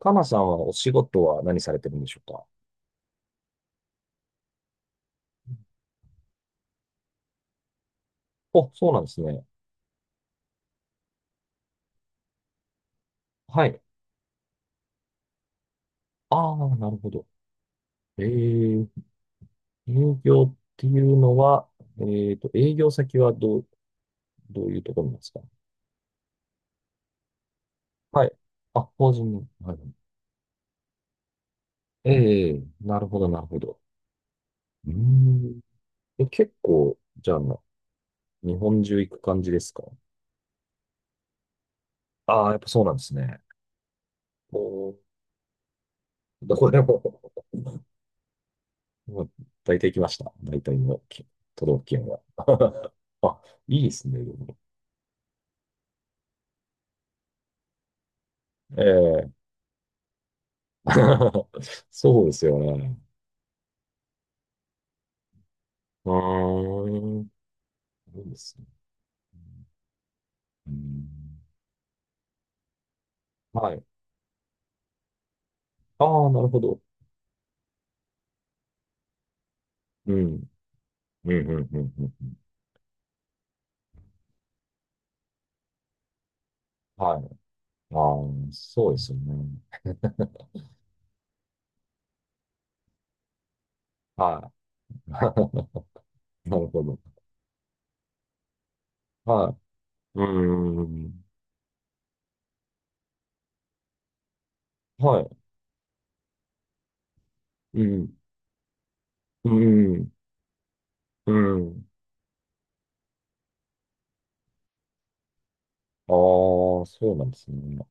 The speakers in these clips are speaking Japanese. かなさんはお仕事は何されてるんでしょうか？お、そうなんですね。はい。ああ、なるほど。えー、営業っていうのは、営業先はどう、どういうところなんですか？はい。あ、法人の。はい。ええ、なるほど、なるほど。うーん。え、結構、じゃあ、日本中行く感じですか？ああー、やっぱそうなんですね。おー、どこでも、もう大体行きました。大体の都道府県は。あ、いいですね。ええ。そうですよね。うーん。そうですね。うん。はい。ああ、なるほど。うん。うん、うん、うん、うんうん。はい。ああ、そうですよね。はい。なるほど。はい。うーん。はい。うん。うん。うん。ああ、そうなんですね。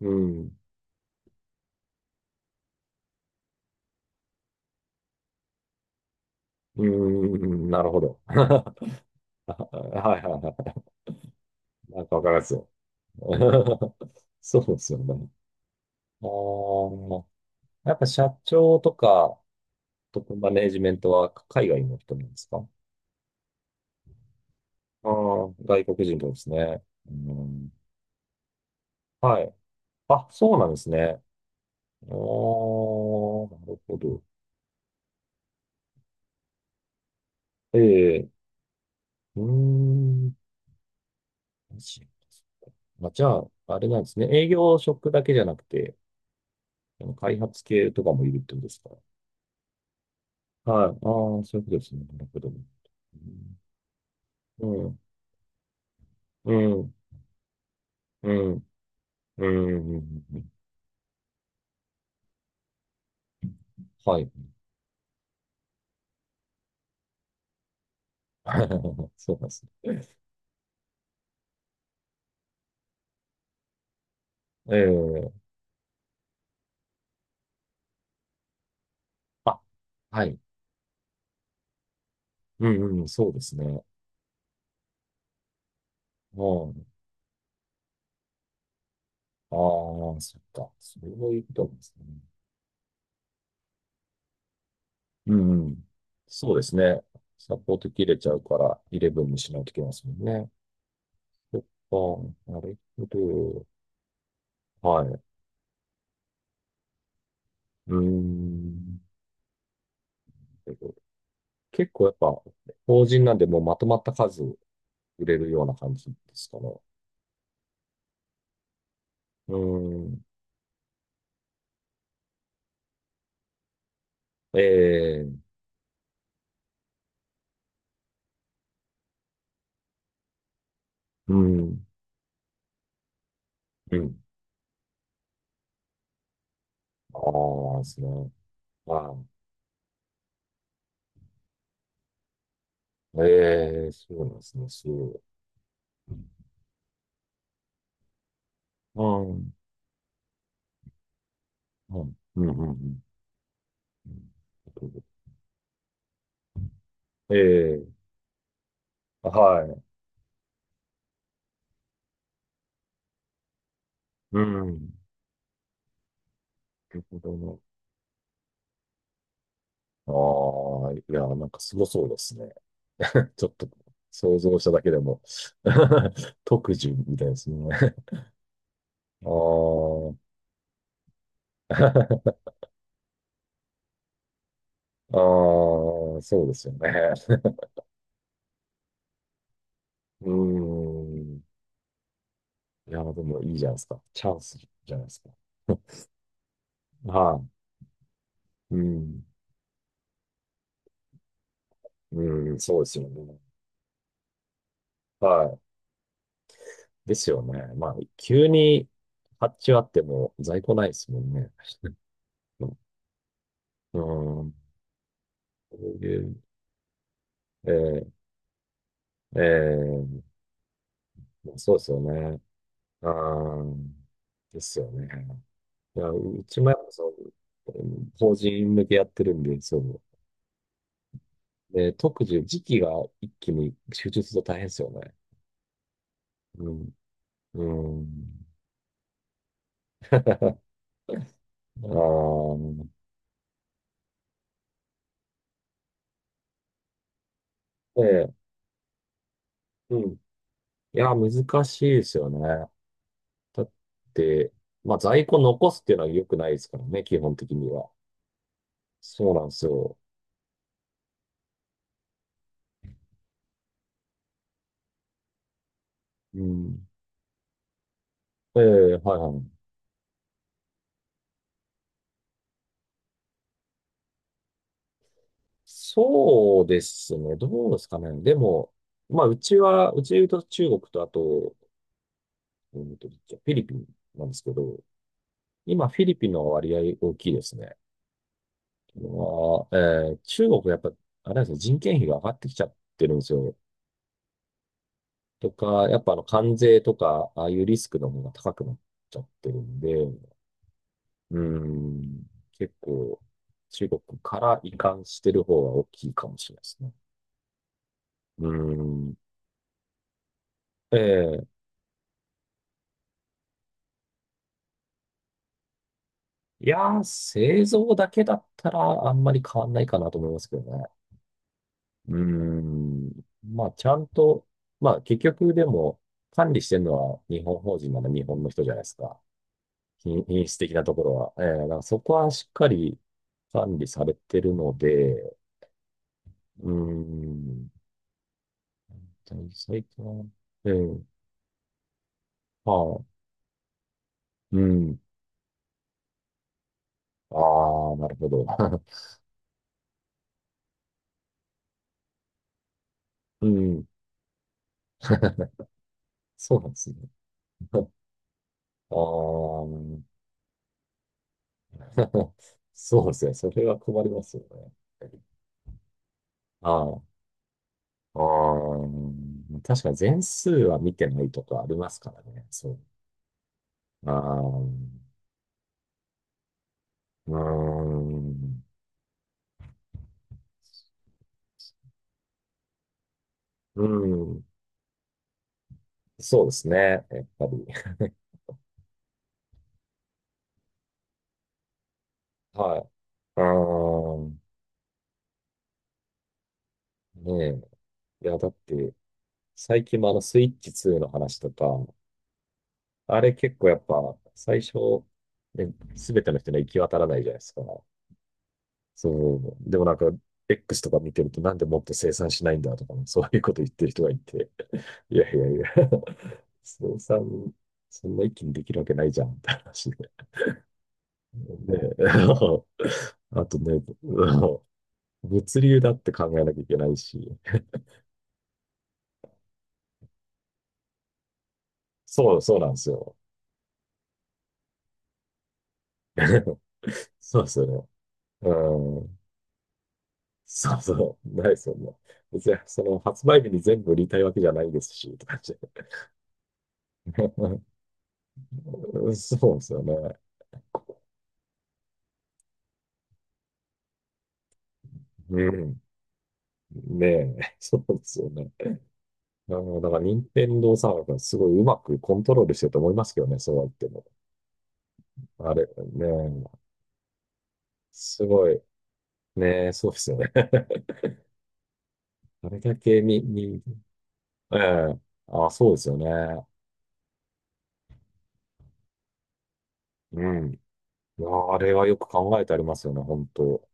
うん。うーん。なるほど。はいはいはい。なんかわかりますよ。そうですよね。ああ、やっぱ社長とか、トップマネージメントは海外の人なんですか？ああ、外国人ですね。うん、はい。あ、そうなんですね。ああ、なるほど。ええ、うーん。まあ、じゃあ、あれなんですね。営業職だけじゃなくて、あの開発系とかもいるってことですか？はい。ああ、そういうことですね。なるほど。うん。うん。うん。うん。うん。うんうん、はい。そうなんですね。ええ、あ、はい。うんうん、そうですね。うん。ああ、そっか。そういうことなんですね。うんうん。そうですね。サポート切れちゃうから、イレブンにしないといけませんね。そっか。なるほど。はい。うーん。結構やっぱ、法人なんでもうまとまった数売れるような感じですかね？うーん。ええ、うん。うん。ああ、ですね。はい、ええ、そうなんですね。そう。うん。うん。うん。うん。うん、ええ、はい。うん。なるほどな。ああ、いや、なんかすごそうですね。ちょっと想像しただけでも、 特需みたいですね。ああ、ああ、そうですよね。うん。いや、でもいいじゃないですか。チャンスじゃないですか。はい。うん。うん、そうですよね。はい。ですよね。まあ、急に発注あっても在庫ないですもんね。うん。こういう、えー、えーまあそうですよね。あー、ですよね。いや、うちもやっぱそう、法人向けやってるんで、そう。で、特需、時期が一気に集中すると大変ですよね。うん。うん。ああ、ええ、うん。いや、難しいですよね。だって、まあ在庫残すっていうのは良くないですからね、基本的には。そうなんですよ。うん。ええ、はいはい。そうですね。どうですかね。でも、まあうちは、うちで言うと中国とあと、フィリピンなんですけど、今フィリピンの割合大きいですね。まあ、中国やっぱ、あれなんですね、人件費が上がってきちゃってるんですよ。とか、やっぱあの関税とか、ああいうリスクの方が高くなっちゃってるんで、うん。結構、中国から移管してる方は大きいかもしれないですね。うん。ええ。いやー、製造だけだったらあんまり変わんないかなと思いますけどね。うん。まあ、ちゃんと、まあ、結局でも、管理してるのは日本法人なら日本の人じゃないですか。品、品質的なところは。ええ、だからそこはしっかり管理されてるので、うん。最近は、ええ、まあ、うん。ああ、なるほど。うん。そうなんですね。ああ、そうですね。それは困りますよね。ああ、ああ、確かに全数は見てないとかありますからね。そう。ああ、うーん。うん。そうですね。やっぱり。はい。ああ、ねえ。いや、だって、最近もあの、スイッチ2の話とか、あれ結構やっぱ、最初、ね、すべての人には行き渡らないじゃないですか。そう。でもなんか、X とか見てると、なんでもっと生産しないんだとか、そういうこと言ってる人がいて、いやいやいや、生産、そんな一気にできるわけないじゃん、って話で。ね、あとね、物流だって考えなきゃいけないし、そう、そうなんですよ。そうですよね。うん。そうそう、ない、そんな。別に、その、発売日に全部売りたいわけじゃないですし、とかって。そうですよね。うん。ねえ、そうですよね。あの、だから、任天堂さんがすごいうまくコントロールしてると思いますけどね、そうは言っても。あれ、ねえ、すごい、ねえ、そうですよね。あれだけにに、ええ、あ、そうですよね。うん。いや、あれはよく考えてありますよね、本当。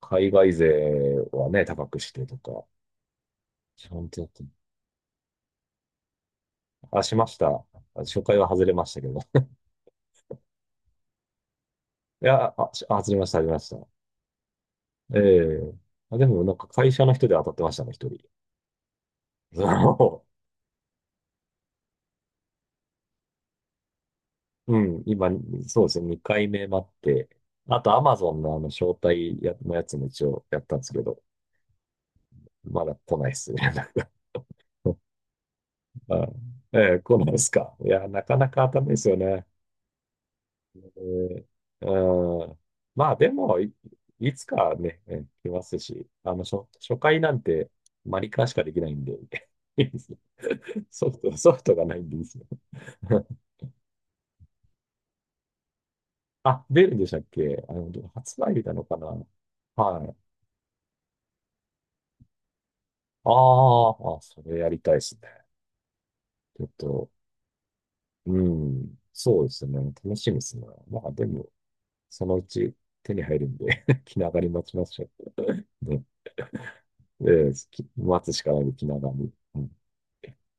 海外勢はね、高くしてとか。ちゃんとやってる。あ、しました。初回は外れましたけど。いや、あ、外れました、外れました。ええ、あ、でもなんか会社の人で当たってましたね、一人。そう。うん、今、そうですね、2回目待って。あと、アマゾンのあの、招待のやつも一応やったんですけど、まだ来ないっすね。あ、ええ、来ないっすか。いや、なかなか当たんないですよね。うん。まあでも、い、いつかね、来ますし、あの、初、初回なんてマリカーしかできないんで、いいですね。ソフト、ソフトがないんでいいですよ。あ、出るんでしたっけ？あの、発売日なのかな？はい。あー、あ、それやりたいですね。ちょっと、うん、そうですね。楽しみですね。まあでも、そのうち手に入るんで、 気長に待ちましょう。ねえ、え、待つしかないで、気長に。うん